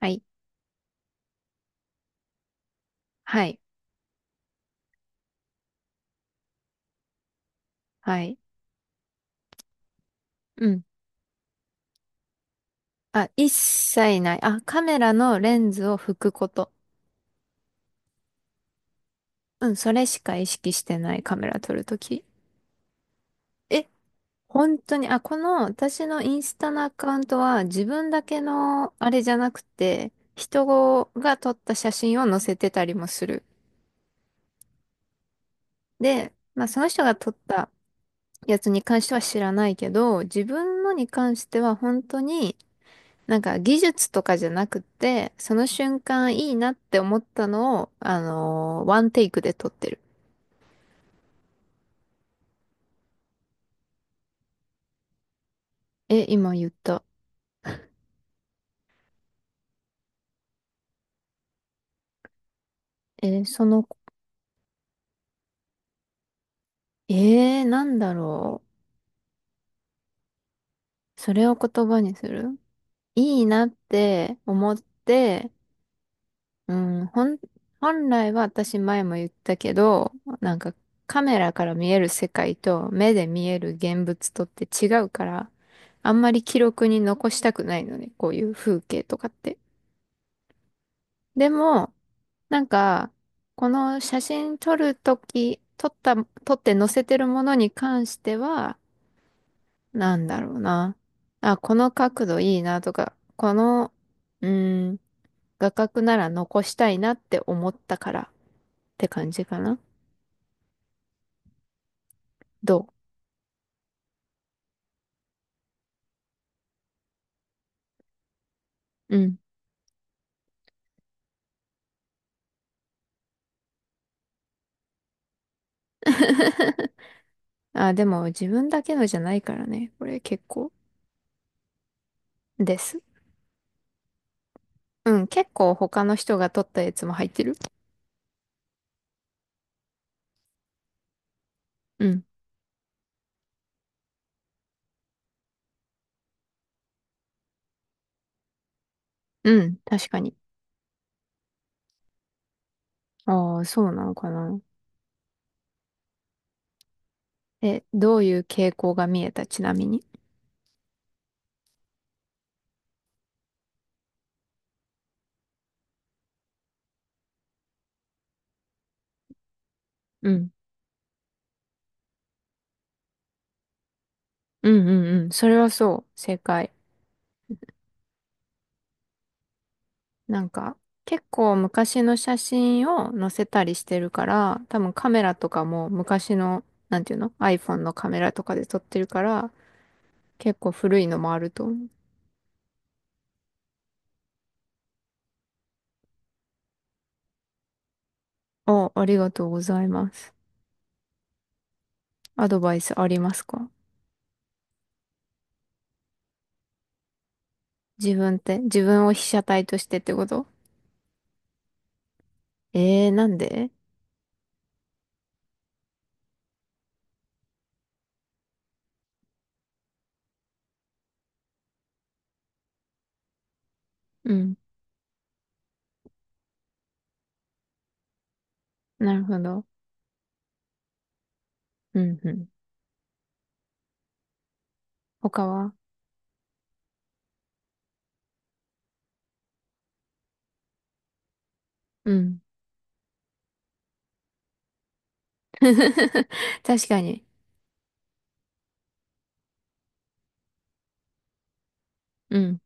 はい。はい。はい。うん。あ、一切ない。あ、カメラのレンズを拭くこと。うん、それしか意識してないカメラ撮るとき。え、本当に、あ、この私のインスタのアカウントは自分だけのあれじゃなくて、人が撮った写真を載せてたりもする。で、まあその人が撮ったやつに関しては知らないけど、自分のに関しては本当になんか技術とかじゃなくて、その瞬間いいなって思ったのを、ワンテイクで撮ってる。え、今言った。え、その、なんだろう。それを言葉にするいいなって思って、うん、本来は私前も言ったけど、なんかカメラから見える世界と目で見える現物とって違うから、あんまり記録に残したくないのね、こういう風景とかって。でも、なんか、この写真撮るとき、撮った、撮って載せてるものに関しては、なんだろうな。あ、この角度いいなとか、この、うーん、画角なら残したいなって思ったからって感じかな。どううん。あ、でも自分だけのじゃないからね。これ結構です。うん、結構他の人が撮ったやつも入ってる。うん。うん、確かに。ああ、そうなのかな。え、どういう傾向が見えた、ちなみに。うん。うんうんうん。それはそう。正解。なんか、結構昔の写真を載せたりしてるから、多分カメラとかも昔の、なんていうの？ iPhone のカメラとかで撮ってるから、結構古いのもあると思う。あ、ありがとうございます。アドバイスありますか？自分って、自分を被写体としてってこと？えー、なんで？うん。なるほど。うんうん。他は？うん。確かに。うん、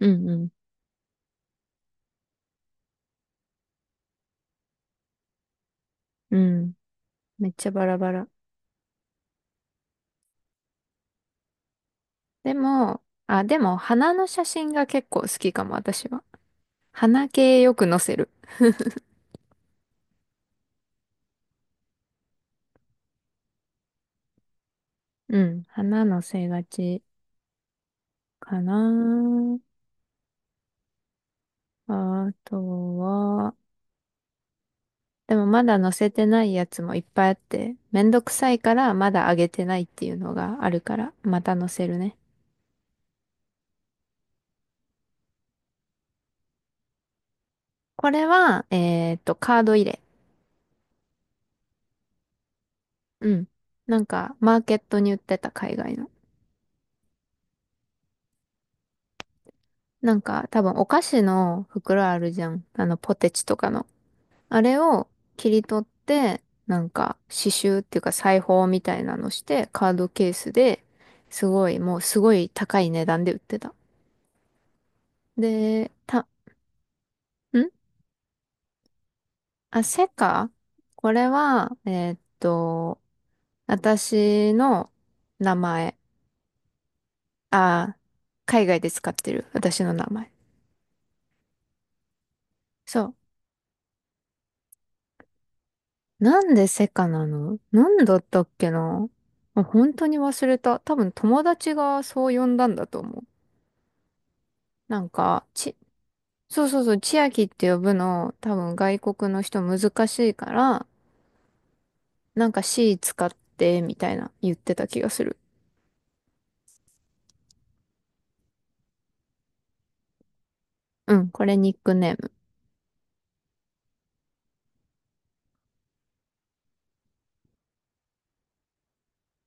うん、うん、うん。めっちゃバラバラ。でも、あ、でも、花の写真が結構好きかも、私は。花系よく載せる。うん、花載せがちかな。あとは、でもまだ載せてないやつもいっぱいあって、めんどくさいからまだ上げてないっていうのがあるから、また載せるね。これは、カード入れ。うん。なんか、マーケットに売ってた海外の。なんか多分お菓子の袋あるじゃん。あのポテチとかの。あれを切り取って、なんか刺繍っていうか裁縫みたいなのしてカードケースですごいもうすごい高い値段で売ってた。で、た、ん、あ、セカ、これは、私の名前。あー、海外で使ってる私の名前。そう。なんでセカなの？なんだったっけな、あ、本当に忘れた。多分友達がそう呼んだんだと思う。なんか、ち、そうそうそう、千秋って呼ぶの、多分外国の人難しいから、なんか C 使って、みたいな言ってた気がする。うん、これニックネーム。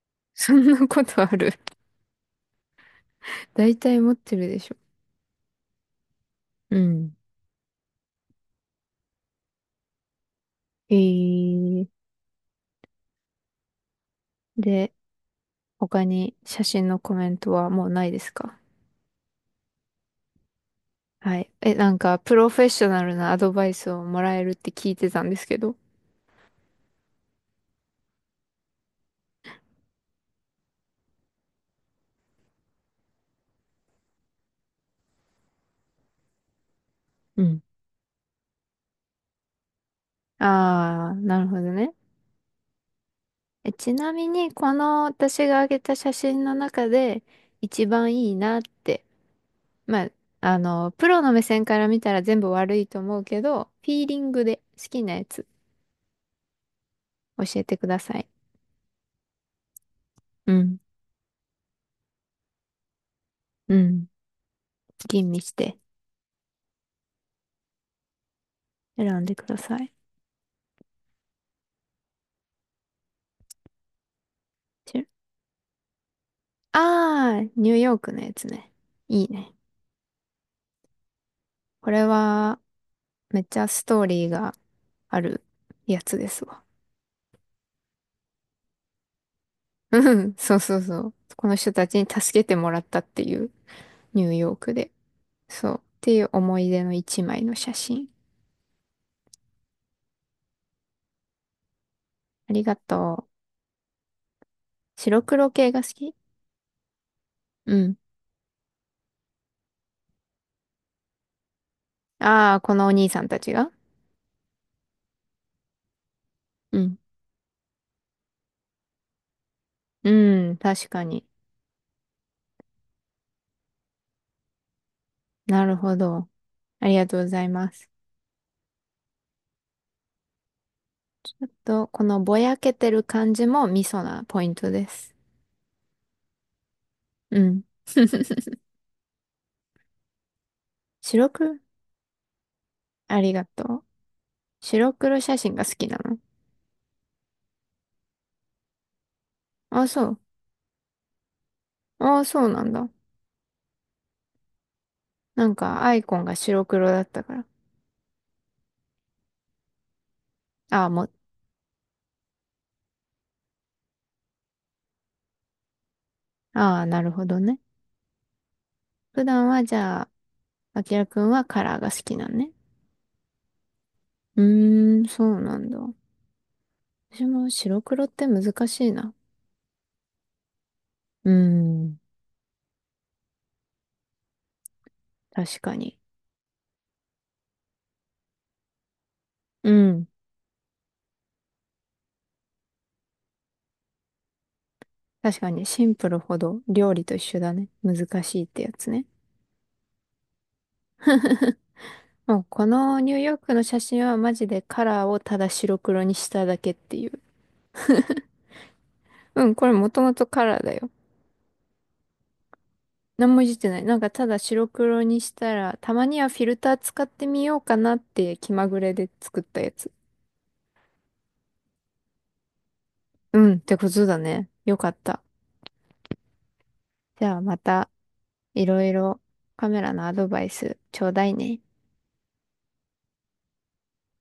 そんなことある。大体持ってるでしょ。うん。えー、で、他に写真のコメントはもうないですか？はい。え、なんか、プロフェッショナルなアドバイスをもらえるって聞いてたんですけど。うん。ああ、なるほどね。え、ちなみに、この私が上げた写真の中で、一番いいなって、まあ、あの、プロの目線から見たら全部悪いと思うけど、フィーリングで好きなやつ教えてください。うん。うん。吟味して選んでください。ああー、ニューヨークのやつね。いいね。これは、めっちゃストーリーがあるやつですわ。うん そうそうそう。この人たちに助けてもらったっていう、ニューヨークで。そう。っていう思い出の一枚の写真。ありがとう。白黒系が好き？うん。ああ、このお兄さんたちが、うん。うん、確かに。なるほど。ありがとうございます。あと、このぼやけてる感じもミソなポイントです。うん。白黒、ありがとう。白黒写真が好きなの？あ、そう。あ、そうなんだ。なんか、アイコンが白黒だったから。ああ、もう、ああ、なるほどね。普段は、じゃあ、あきらくんはカラーが好きなんね。うーん、そうなんだ。私も白黒って難しいな。うーん、確かに。うん、確かに、シンプルほど料理と一緒だね。難しいってやつね。もう、このニューヨークの写真はマジでカラーをただ白黒にしただけっていう。うん、これもともとカラーだよ。何もいじってない。なんかただ白黒にしたら、たまにはフィルター使ってみようかなって気まぐれで作ったやつ。うん、ってことだね。よかった。じゃあまたいろいろカメラのアドバイスちょうだいね。